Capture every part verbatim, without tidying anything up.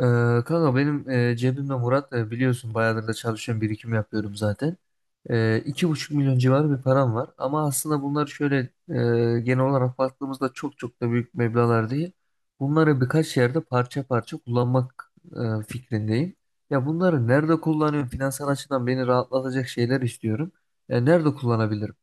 Ee, Kanka benim, e, cebimde Murat, e, biliyorsun bayağıdır da çalışıyorum, birikim yapıyorum zaten. Ee, iki buçuk milyon civarı bir param var, ama aslında bunlar şöyle, e, genel olarak baktığımızda çok çok da büyük meblağlar değil. Bunları birkaç yerde parça parça kullanmak e, fikrindeyim. Ya bunları nerede kullanıyorum? Finansal açıdan beni rahatlatacak şeyler istiyorum. Ya nerede kullanabilirim?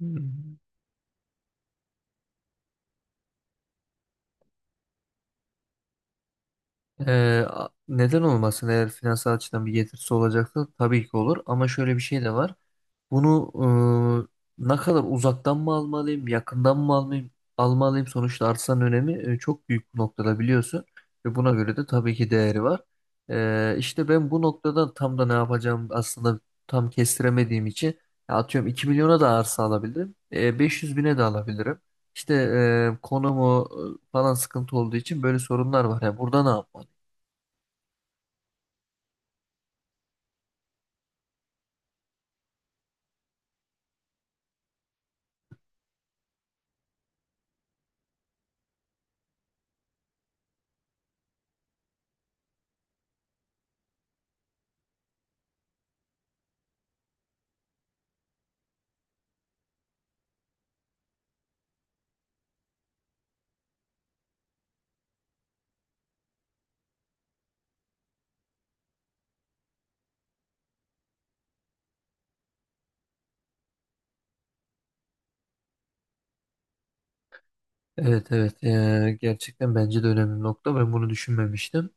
Hmm. Ee, a- neden olmasın? Eğer finansal açıdan bir getirisi olacaksa tabii ki olur. Ama şöyle bir şey de var. Bunu, e, ne kadar uzaktan mı almalıyım, yakından mı almalıyım, almalıyım? Sonuçta arsanın önemi e, çok büyük bu noktada, biliyorsun. Ve buna göre de tabii ki değeri var. E, işte ben bu noktada tam da ne yapacağım, aslında tam kestiremediğim için ya, atıyorum, iki milyona da arsa alabilirim. E, beş yüz bine de alabilirim. İşte e, konumu e, falan sıkıntı olduğu için böyle sorunlar var. Ya burada ne yapmalıyım? Evet, evet, Ee, gerçekten bence de önemli nokta, ben bunu düşünmemiştim.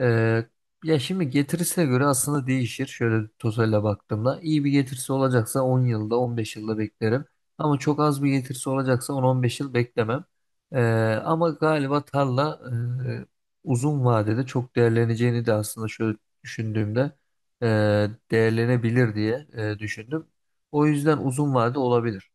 Ee, Ya şimdi getirisine göre aslında değişir, şöyle tozayla baktığımda iyi bir getirisi olacaksa on yılda on beş yılda beklerim, ama çok az bir getirisi olacaksa on on beş yıl beklemem. Ee, Ama galiba tarla e, uzun vadede çok değerleneceğini de aslında şöyle düşündüğümde e, değerlenebilir diye e, düşündüm. O yüzden uzun vade olabilir.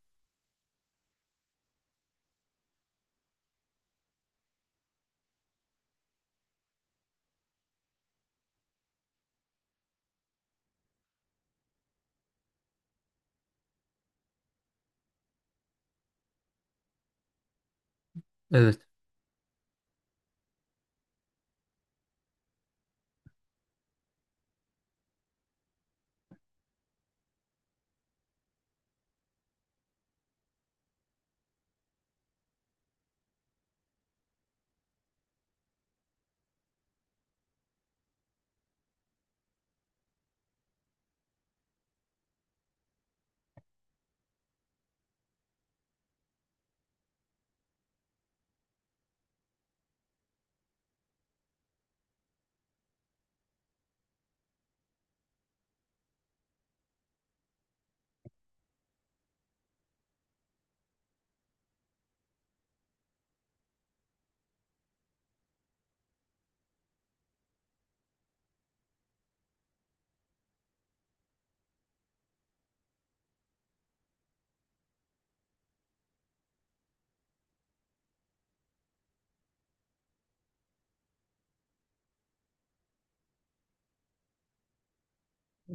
Evet.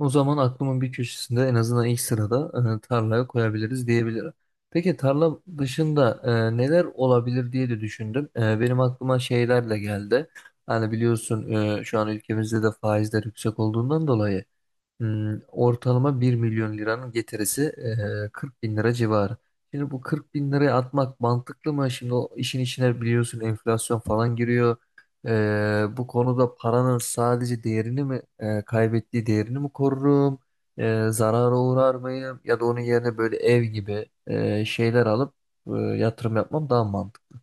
O zaman aklımın bir köşesinde en azından ilk sırada, e, tarlaya koyabiliriz diyebilirim. Peki, tarla dışında e, neler olabilir diye de düşündüm. E, benim aklıma şeyler de geldi. Hani biliyorsun, e, şu an ülkemizde de faizler yüksek olduğundan dolayı, Hmm, ortalama bir milyon liranın getirisi e, kırk bin lira civarı. Şimdi bu kırk bin liraya atmak mantıklı mı? Şimdi o işin içine, biliyorsun, enflasyon falan giriyor. E, bu konuda paranın sadece değerini mi, e, kaybettiği değerini mi korurum? E, zarara uğrar mıyım? Ya da onun yerine böyle ev gibi e, şeyler alıp e, yatırım yapmam daha mantıklı.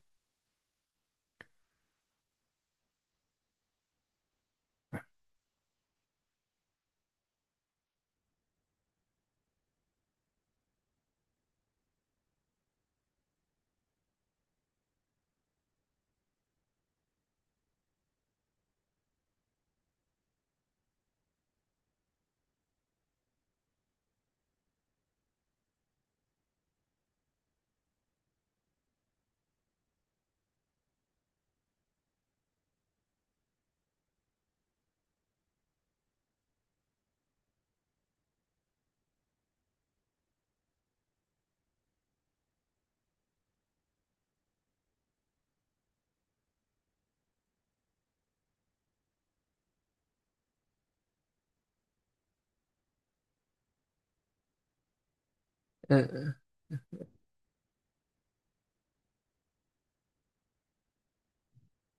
E,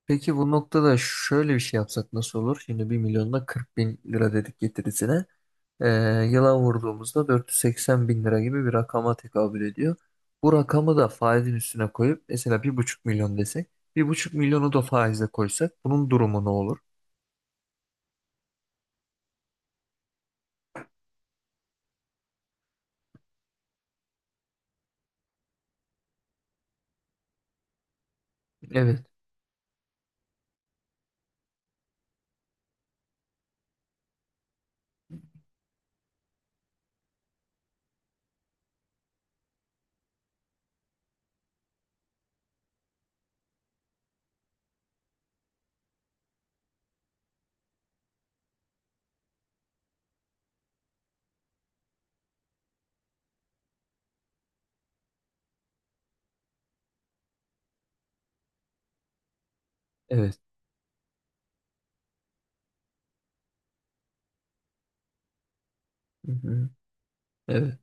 Peki bu noktada şöyle bir şey yapsak nasıl olur? Şimdi bir milyonda kırk bin lira dedik getirisine. Ee, Yıla vurduğumuzda dört yüz seksen bin lira gibi bir rakama tekabül ediyor. Bu rakamı da faizin üstüne koyup mesela bir buçuk milyon desek, bir buçuk milyonu da faize koysak, bunun durumu ne olur? Evet, evet, hı hı, evet.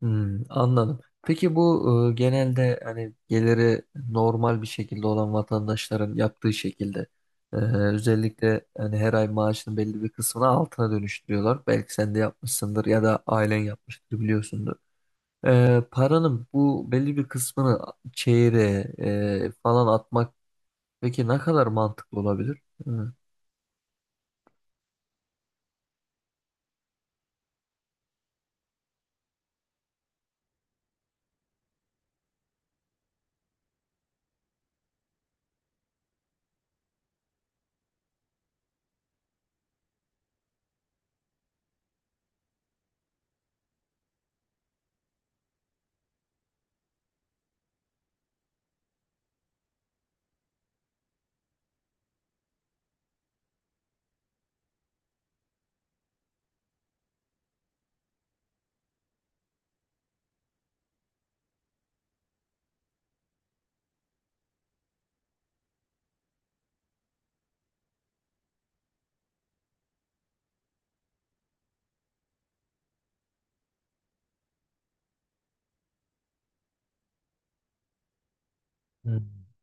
Hmm, anladım. Peki bu, e, genelde hani geliri normal bir şekilde olan vatandaşların yaptığı şekilde, e, özellikle hani her ay maaşının belli bir kısmını altına dönüştürüyorlar. Belki sen de yapmışsındır ya da ailen yapmıştır, biliyorsundur. E, paranın bu belli bir kısmını çeyreğe e, falan atmak, peki ne kadar mantıklı olabilir? Hı. Hmm.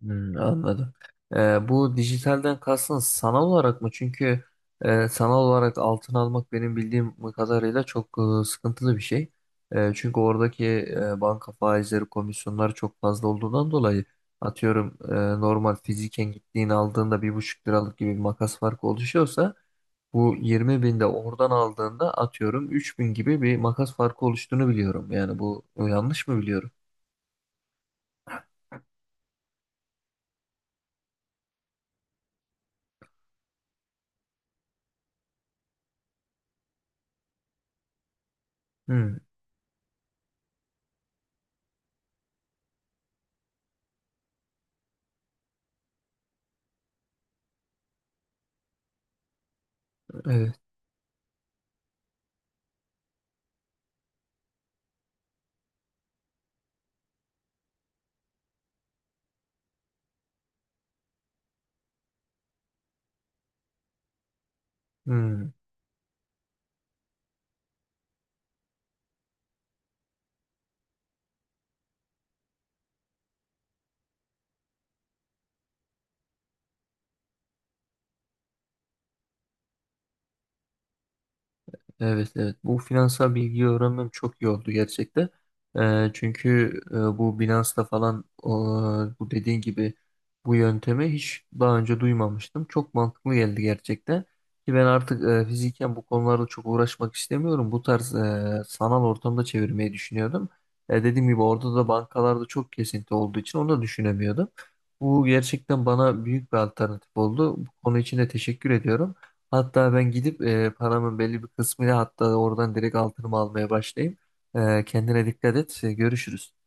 Hmm, anladım. Ee, bu dijitalden kastın sanal olarak mı? Çünkü e, sanal olarak altın almak benim bildiğim kadarıyla çok e, sıkıntılı bir şey. E, çünkü oradaki e, banka faizleri, komisyonları çok fazla olduğundan dolayı atıyorum e, normal fiziken gittiğini aldığında bir buçuk liralık gibi bir makas farkı oluşuyorsa, bu yirmi binde oradan aldığında atıyorum üç bin gibi bir makas farkı oluştuğunu biliyorum. Yani bu yanlış mı biliyorum? Hmm, evet. Hmm. Evet, evet, bu finansal bilgiyi öğrenmem çok iyi oldu gerçekten. Ee, çünkü e, bu Binance'da falan, o, bu dediğin gibi bu yöntemi hiç daha önce duymamıştım. Çok mantıklı geldi gerçekten. Ki ben artık e, fiziken bu konularla çok uğraşmak istemiyorum. Bu tarz e, sanal ortamda çevirmeyi düşünüyordum. E, dediğim gibi, orada da bankalarda çok kesinti olduğu için onu da düşünemiyordum. Bu gerçekten bana büyük bir alternatif oldu. Bu konu için de teşekkür ediyorum. Hatta ben gidip e, paramın belli bir kısmıyla hatta oradan direkt altınımı almaya başlayayım. E, kendine dikkat et. E, görüşürüz.